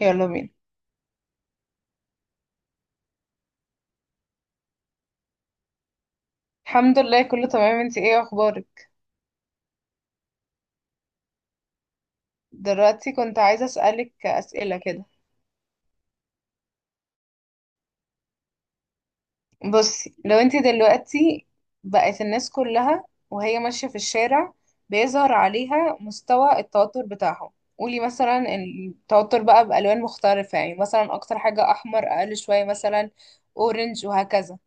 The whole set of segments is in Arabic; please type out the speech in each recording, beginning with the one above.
يلا بينا. الحمد لله، كله تمام. انتي ايه اخبارك؟ دلوقتي كنت عايزة اسألك اسئلة كده. بصي، لو انتي دلوقتي بقت الناس كلها وهي ماشية في الشارع بيظهر عليها مستوى التوتر بتاعهم. قولي مثلا التوتر بقى بألوان مختلفة، يعني مثلا اكتر حاجة احمر، اقل شوية مثلا اورنج، وهكذا.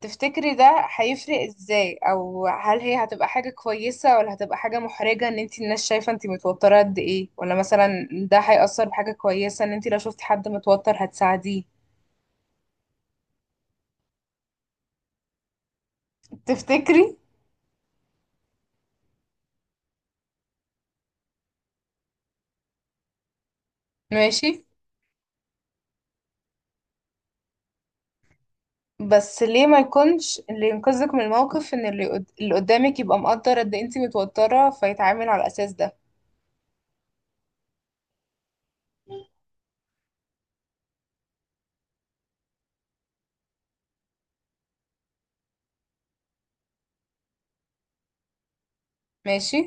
تفتكري ده هيفرق ازاي؟ او هل هي هتبقى حاجة كويسة ولا هتبقى حاجة محرجة ان انتي الناس شايفة انتي متوترة قد ايه؟ ولا مثلا ده هيأثر بحاجة كويسة، ان انتي لو شفتي حد متوتر هتساعديه؟ تفتكري؟ ماشي. بس ليه ما يكونش اللي ينقذك من الموقف ان اللي قدامك يبقى مقدر قد إيه انتي متوترة فيتعامل على الاساس ده؟ ماشي.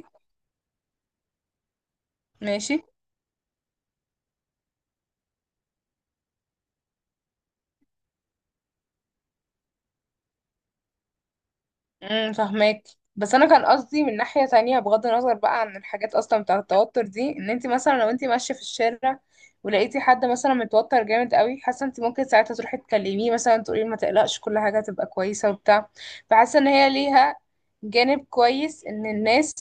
ماشي. فهماك. بس انا كان قصدي من ناحية تانية، بغض النظر بقى عن الحاجات اصلا بتاعة التوتر دي، ان انت مثلا لو انت ماشية في الشارع ولقيتي حد مثلا متوتر جامد قوي، حاسة انت ممكن ساعتها تروحي تكلميه مثلا، تقولي له ما تقلقش، كل حاجة هتبقى كويسة وبتاع. فحاسة ان هي ليها جانب كويس ان الناس،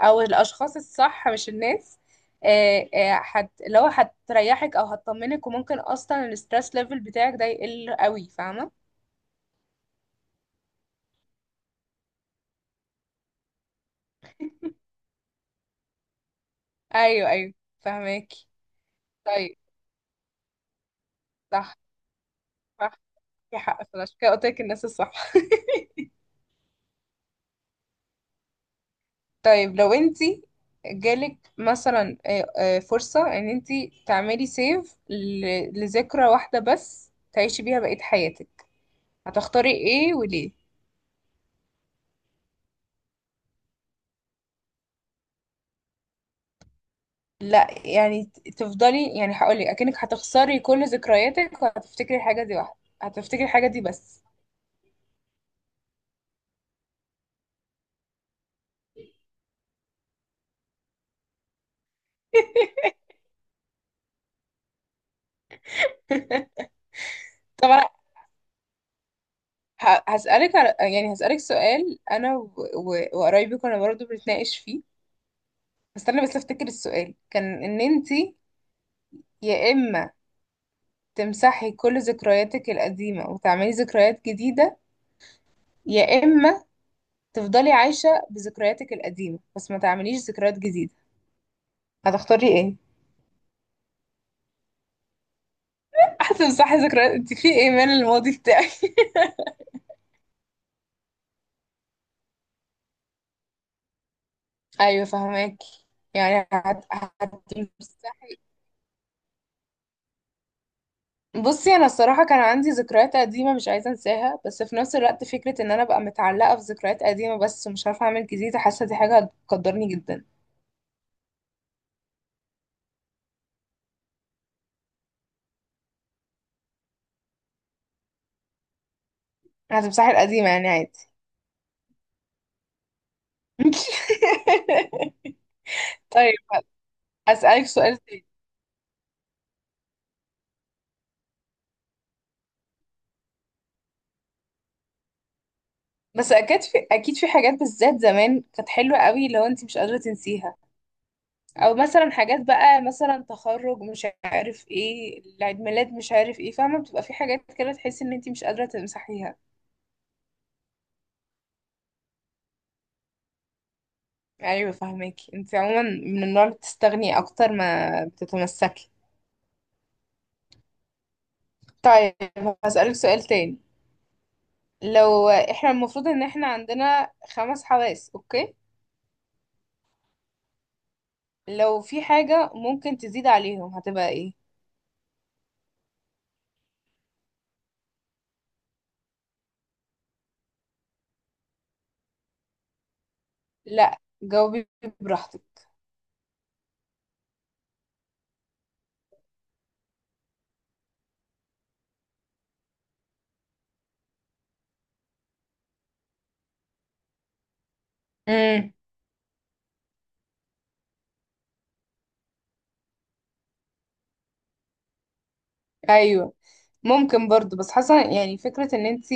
او الاشخاص الصح مش الناس. آه، آه، هت لو هتريحك او هتطمنك، وممكن اصلا الستريس ليفل بتاعك ده يقل قوي، فاهمة؟ ايوه، ايوه. فهماكي. طيب. صح، صح. في حق فعلا، عشان كده قلت لك الناس الصح. طيب، لو انت جالك مثلا فرصة ان انت تعملي سيف لذكرى واحدة بس تعيشي بيها بقية حياتك، هتختاري ايه وليه؟ لا، يعني تفضلي. يعني هقولك اكنك هتخسري كل ذكرياتك وهتفتكري الحاجة دي واحدة، هتفتكري الحاجة دي بس. طبعا. هسألك على، يعني هسألك سؤال، انا وقرايبي كنا برضه بنتناقش فيه. استنى بس افتكر السؤال. كان ان انتي يا اما تمسحي كل ذكرياتك القديمة وتعملي ذكريات جديدة، يا اما تفضلي عايشة بذكرياتك القديمة بس ما تعمليش ذكريات جديدة. هتختاري ايه؟ هتمسحي ذكريات؟ انت في ايمان الماضي بتاعي. ايوه، فهماكي. يعني هتمسحي. بصي انا الصراحه، كان عندي ذكريات قديمه مش عايزه انساها، بس في نفس الوقت فكره ان انا ابقى متعلقه في ذكريات قديمه بس مش عارفه اعمل جديد، حاسه دي حاجه هتقدرني جدا. هتمسحي القديمة يعني، عادي. طيب، أسألك سؤال تاني. بس أكيد في حاجات بالذات زمان كانت حلوة قوي لو أنت مش قادرة تنسيها. أو مثلا حاجات، بقى مثلا تخرج مش عارف ايه، العيد ميلاد مش عارف ايه، فاهمة؟ بتبقى في حاجات كده تحسي إن أنت مش قادرة تمسحيها. أيوة فاهماكي، أنت عموما من النوع اللي بتستغني أكتر ما بتتمسكي. طيب، هسألك سؤال تاني. لو احنا المفروض إن احنا عندنا خمس حواس، أوكي؟ لو في حاجة ممكن تزيد عليهم هتبقى ايه؟ لا، جاوبي براحتك. امم ايوه. ممكن برضو، بس حاسة يعني، فكرة ان انتي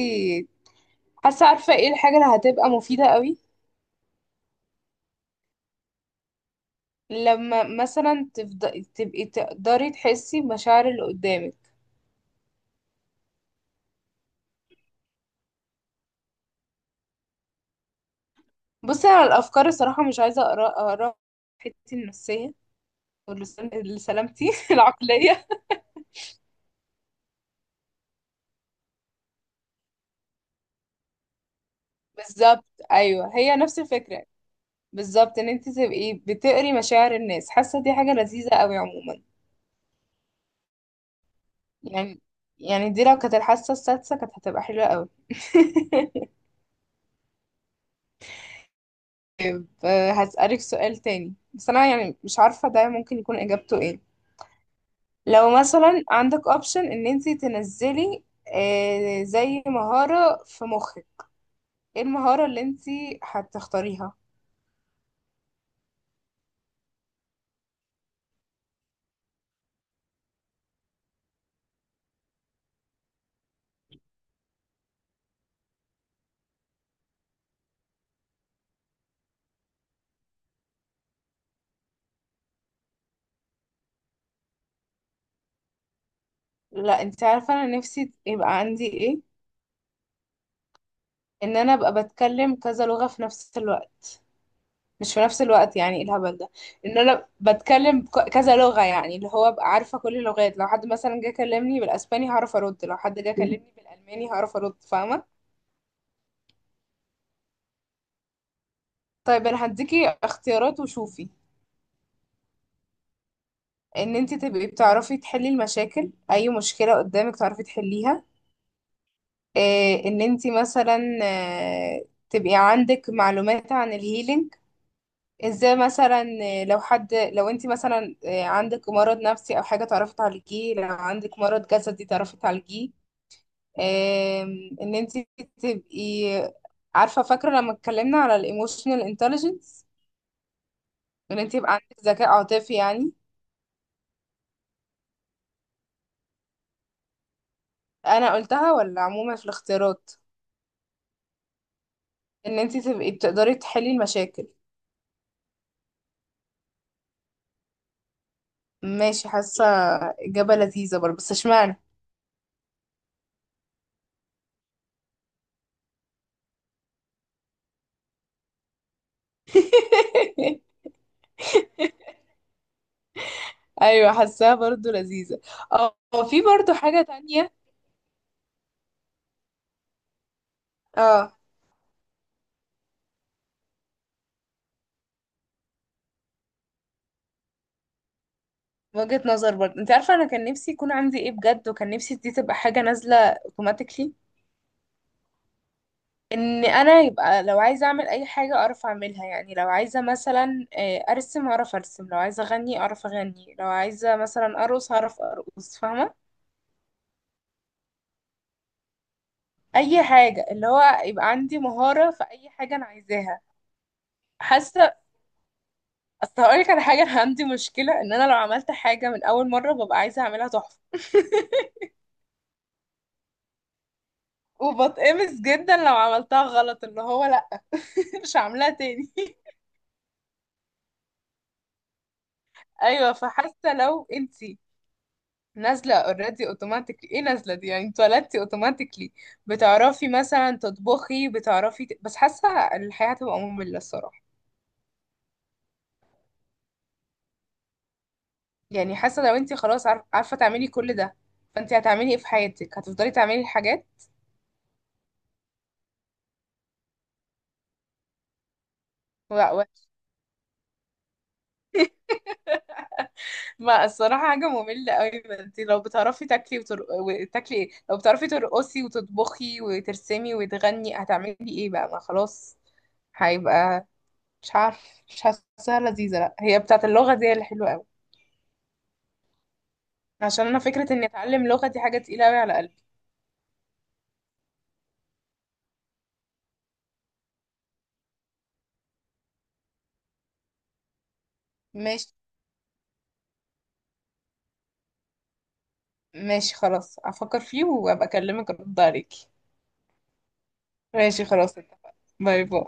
حاسة عارفة ايه الحاجة اللي هتبقى مفيدة قوي. لما مثلا تبقي تقدري تحسي بمشاعر اللي قدامك. بصي انا الافكار الصراحة مش عايزة اقرا اقرا حتتي النفسية، لسلامتي العقلية. بالظبط. ايوه، هي نفس الفكرة. بالظبط، ان انت تبقي بتقري مشاعر الناس حاسه دي حاجه لذيذه قوي عموما. يعني يعني دي لو كانت الحاسة السادسة كانت هتبقى حلوة قوي. فهسألك سؤال تاني، بس أنا يعني مش عارفة ده ممكن يكون إجابته إيه. لو مثلا عندك أوبشن إن أنتي تنزلي زي مهارة في مخك، إيه المهارة اللي أنتي هتختاريها؟ لا، أنتي عارفة أنا نفسي يبقى عندي إيه؟ إن أنا أبقى بتكلم كذا لغة في نفس الوقت. مش في نفس الوقت، يعني ايه الهبل ده. ان انا بتكلم كذا لغة، يعني اللي هو ابقى عارفة كل اللغات. لو حد مثلا جه كلمني بالاسباني هعرف ارد، لو حد جه كلمني بالالماني هعرف ارد، فاهمة؟ طيب، انا هديكي اختيارات وشوفي. ان انت تبقي بتعرفي تحلي المشاكل، اي مشكلة قدامك تعرفي تحليها. إيه، ان انت مثلا تبقي عندك معلومات عن الهيلينج، ازاي مثلا. لو انت مثلا عندك مرض نفسي او حاجه تعرفي تعالجيه، لو عندك مرض جسدي تعرفي تعالجيه. ان انت تبقي عارفه، فاكره لما اتكلمنا على الايموشنال انتليجنس. ان انت يبقى عندك ذكاء عاطفي يعني. انا قلتها ولا عموما في الاختيارات؟ ان انت تبقي بتقدري تحلي المشاكل. ماشي، حاسه اجابه لذيذه برضه، بس اشمعنى؟ ايوه، حاساها برضه لذيذه. اه، في برضه حاجه تانية. اه، وجهة نظر برضه. انت عارفة انا كان نفسي يكون عندي ايه بجد؟ وكان نفسي دي تبقى حاجة نازلة اوتوماتيكلي. ان انا يبقى لو عايزة اعمل اي حاجة اعرف اعملها. يعني لو عايزة مثلا ارسم اعرف ارسم، لو عايزة اغني اعرف اغني، لو عايزة مثلا ارقص هعرف ارقص، فاهمة؟ اي حاجة، اللي هو يبقى عندي مهارة في اي حاجة انا عايزاها. حاسة. اصل هقولك على حاجة، انا عندي مشكلة ان انا لو عملت حاجة من اول مرة ببقى عايزة اعملها تحفة. وبتقمص جدا لو عملتها غلط، اللي هو لا، مش هعملها تاني. ايوه، فحاسه لو انت نازله اوريدي اوتوماتيكلي. ايه نازله دي؟ يعني اتولدتي اوتوماتيكلي. بتعرفي مثلا تطبخي، بتعرفي بس حاسه الحياه هتبقى ممله الصراحه. يعني حاسه لو انت خلاص عارفه تعملي كل ده، فانت هتعملي ايه في حياتك؟ هتفضلي تعملي الحاجات. و... و... ما الصراحه حاجه ممله قوي. انت لو بتعرفي تاكلي وتاكلي ايه، لو بتعرفي ترقصي وتطبخي وترسمي وتغني هتعملي ايه بقى؟ ما خلاص. هيبقى، مش عارف، مش حاساها لذيذة. لا، هي بتاعت اللغة دي اللي حلوة قوي. عشان انا فكرة اني اتعلم لغة دي حاجة تقيلة قوي على قلبي. ماشي. ماشي خلاص، افكر فيه وابقى اكلمك ارد عليكي. ماشي خلاص، اتفقنا. باي باي.